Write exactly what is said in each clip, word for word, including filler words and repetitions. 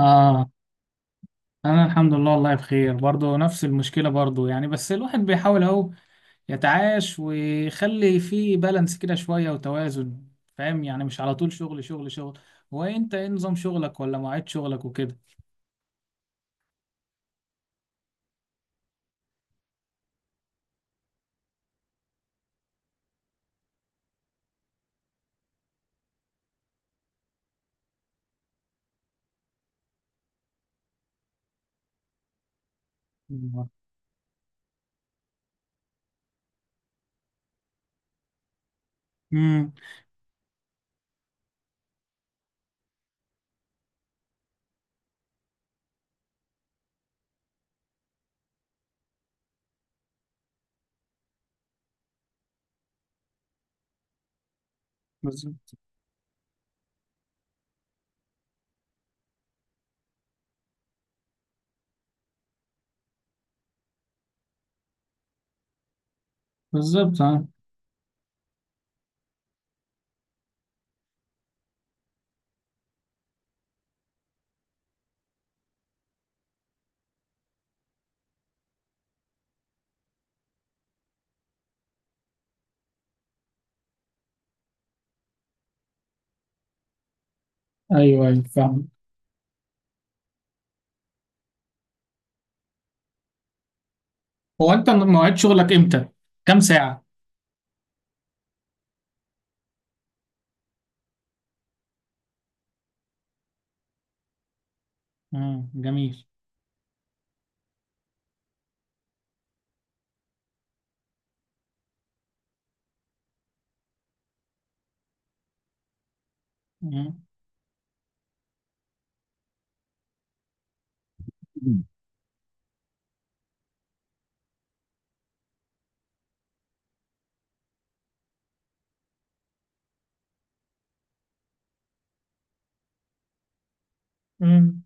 اه انا الحمد لله، والله بخير برضه، نفس المشكله برضه، يعني بس الواحد بيحاول اهو يتعايش ويخلي فيه بالانس كده شويه وتوازن. فاهم؟ يعني مش على طول شغل شغل شغل. هو انت ايه نظام شغلك، ولا مواعيد شغلك وكده؟ امم. بالظبط، بالظبط، اه. ايوه، ايوه، فاهم. هو انت مواعيد شغلك امتى؟ كام ساعه؟ امم، جميل. امم. امم.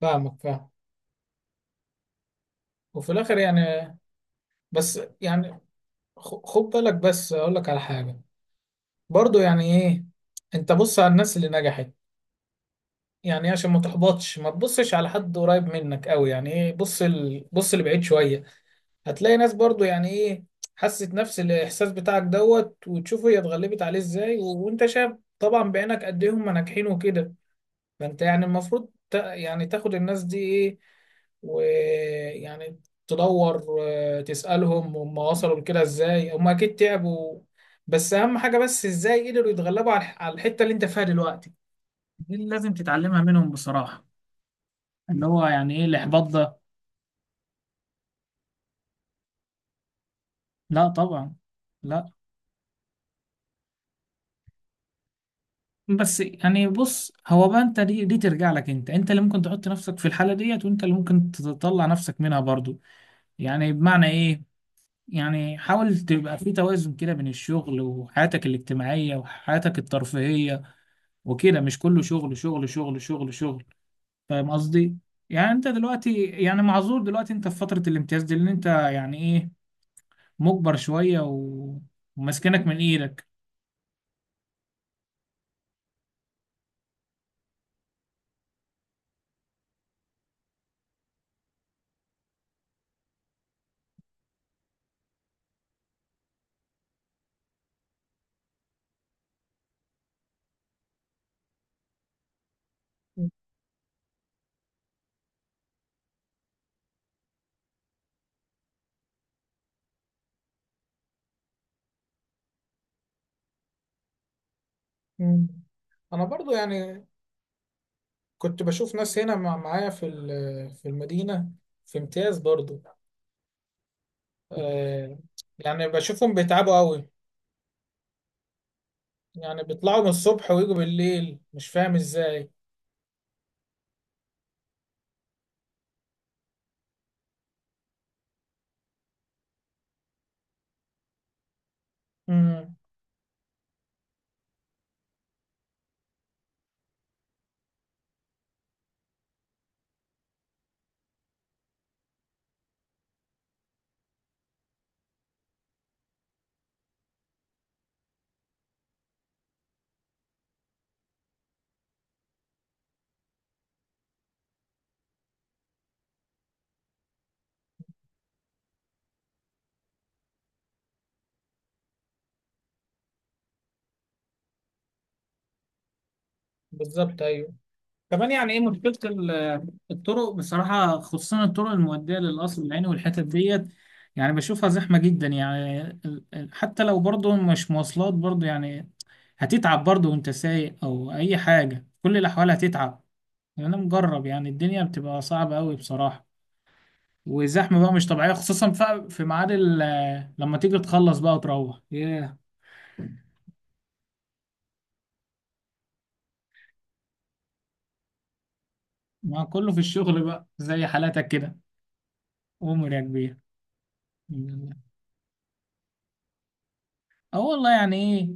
فاهمك، فاهم. وفي الاخر يعني، بس يعني، خ- خد بالك بس اقول لك على حاجه. برضو، يعني ايه، انت بص على الناس اللي نجحت، يعني إيه، عشان ما تحبطش ما تبصش على حد قريب منك قوي، يعني ايه، بص ال... بص لبعيد شوية. هتلاقي ناس برضو يعني ايه، حست نفس الاحساس بتاعك دوت، وتشوف هي اتغلبت عليه ازاي، و... وانت شايف طبعا بعينك قد ايه هم ناجحين وكده. فانت يعني المفروض تا- يعني تاخد الناس دي ايه، ويعني تدور وتسألهم هم وصلوا لكده ازاي. هم اكيد تعبوا، بس اهم حاجة بس ازاي قدروا يتغلبوا على الح- على الحتة اللي انت فيها دلوقتي، دي اللي لازم تتعلمها منهم بصراحة، اللي هو يعني ايه الاحباط ده. لا طبعا. لا، بس يعني بص، هو بقى انت دي دي ترجع لك، انت انت اللي ممكن تحط نفسك في الحالة ديت، وانت اللي ممكن تطلع نفسك منها برضو. يعني بمعنى ايه، يعني حاول تبقى في توازن كده بين الشغل وحياتك الاجتماعية وحياتك الترفيهية وكده، مش كله شغل شغل شغل شغل شغل. فاهم قصدي؟ يعني انت دلوقتي يعني معذور، دلوقتي انت في فترة الامتياز دي، لان انت يعني ايه مجبر شوية و- وماسكينك من ايدك. مم. انا برضو يعني كنت بشوف ناس هنا مع معايا في ال- في المدينة، في امتياز برضو. آه يعني بشوفهم بيتعبوا قوي، يعني بيطلعوا من الصبح ويجوا بالليل، مش فاهم ازاي. امم، بالظبط، ايوه. كمان يعني ايه مشكله ال- آه، الطرق بصراحه، خصوصا الطرق المؤديه للقصر العيني والحتت ديت. يعني بشوفها زحمه جدا، يعني ال- ال- حتى لو برضه مش مواصلات برضه، يعني هتتعب برضه، وانت سايق او اي حاجه، في كل الاحوال هتتعب. يعني انا مجرب، يعني الدنيا بتبقى صعبه قوي بصراحه، وزحمه بقى مش طبيعيه، خصوصا ف- في ميعاد ال- آه، لما تيجي تخلص بقى وتروح، ياه. ما كله في الشغل بقى زي حالاتك كده. أمور يا كبير. أه، والله يعني إيه،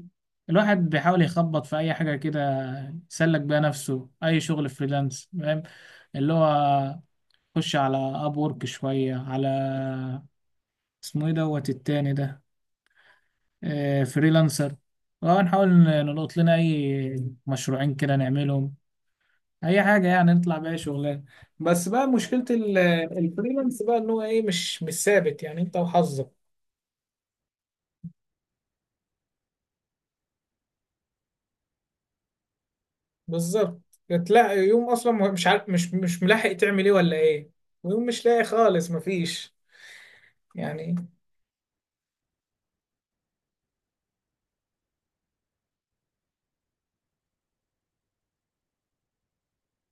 الواحد بيحاول يخبط في أي حاجة كده يسلك بيها نفسه، أي شغل فريلانس، فاهم؟ اللي هو، خش على أب وورك شوية، على اسمه إيه دوت التاني ده، آه فريلانسر. ونحاول نلقط لنا أي مشروعين كده نعملهم، أي حاجة يعني، نطلع بأي شغلانة. بس بقى مشكلة ال- الفريلانس بقى إن هو إيه، مش مش ثابت، يعني أنت وحظك. بالظبط. تلاقي يوم اصلا مش عارف، مش مش ملاحق تعمل ايه ولا ايه، ويوم مش لاقي خالص مفيش، يعني.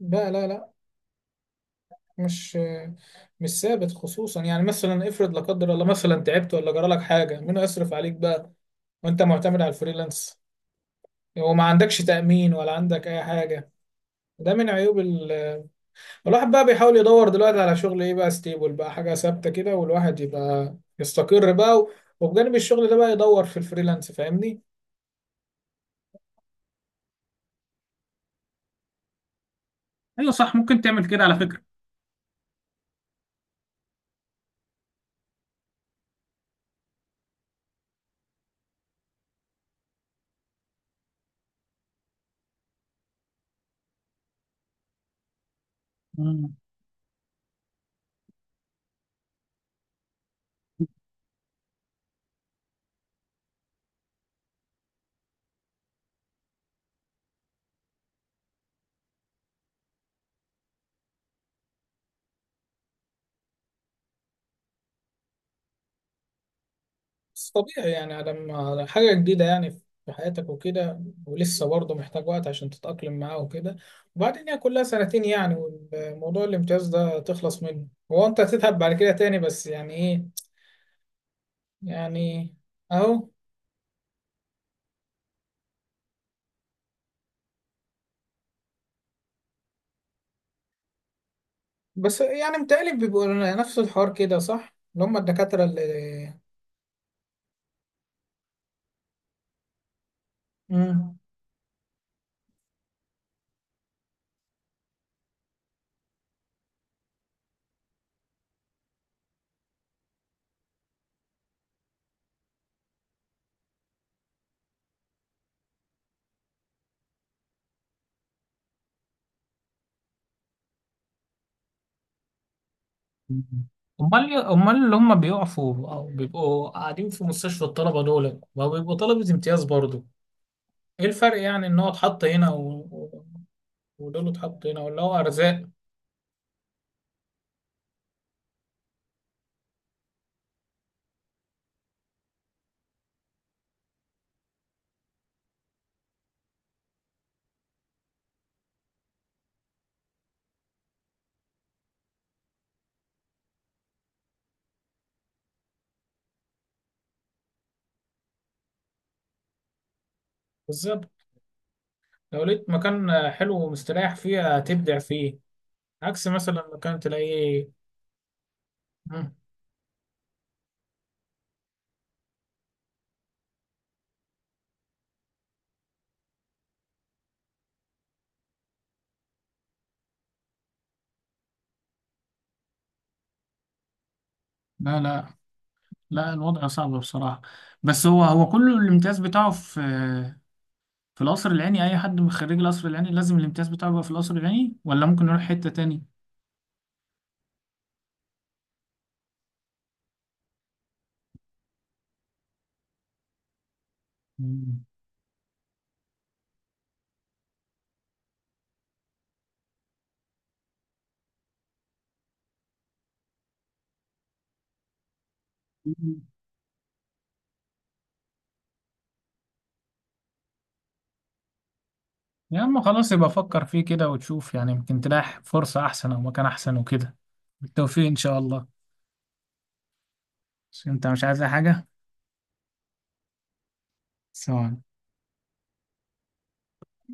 لا لا لا، مش مش ثابت، خصوصا يعني مثلا افرض لا قدر الله مثلا تعبت ولا جرى لك حاجه، مين يصرف عليك بقى وانت معتمد على الفريلانس؟ وما عندكش تامين ولا عندك اي حاجه. ده من عيوب. ال... الواحد بقى بيحاول يدور دلوقتي على شغل ايه بقى، ستيبل بقى، حاجه ثابته كده، والواحد يبقى يستقر بقى، وبجانب الشغل ده بقى يدور في الفريلانس، فاهمني؟ ايوه صح، ممكن تعمل كده على فكرة. مم. بس طبيعي، يعني على ما على حاجة جديدة، يعني في حياتك وكده، ولسه برضه محتاج وقت عشان تتأقلم معاه وكده، وبعدين هي كلها سنتين يعني، والموضوع الامتياز ده تخلص منه. هو أنت هتتعب بعد كده تاني، بس يعني إيه، يعني، أهو. بس يعني متهيألي بيبقوا نفس الحوار كده، صح؟ اللي هم الدكاترة اللي... مم. امال امال اللي هم بيقفوا او بيبقوا قاعدين في مستشفى الطلبه، دول ما بيبقوا طلبه امتياز برضو؟ ايه الفرق يعني، ان هو اتحط هنا و... و- ودول اتحط هنا، ولا هو ارزاق؟ بالظبط. لو لقيت مكان حلو ومستريح فيه هتبدع فيه، عكس مثلا مكان تلاقيه. مم. لا لا لا، الوضع صعب بصراحة. بس هو هو كله الامتياز بتاعه في في القصر العيني. أي حد من خريج القصر العيني لازم الامتياز بتاعه يبقى في القصر العيني؟ ولا ممكن نروح حتة تاني؟ مم. يا اما خلاص يبقى فكر فيه كده وتشوف، يعني يمكن تلاقي فرصة أحسن أو مكان أحسن وكده. بالتوفيق إن شاء الله. بس انت مش عايز أي حاجة؟ سلام عليكم.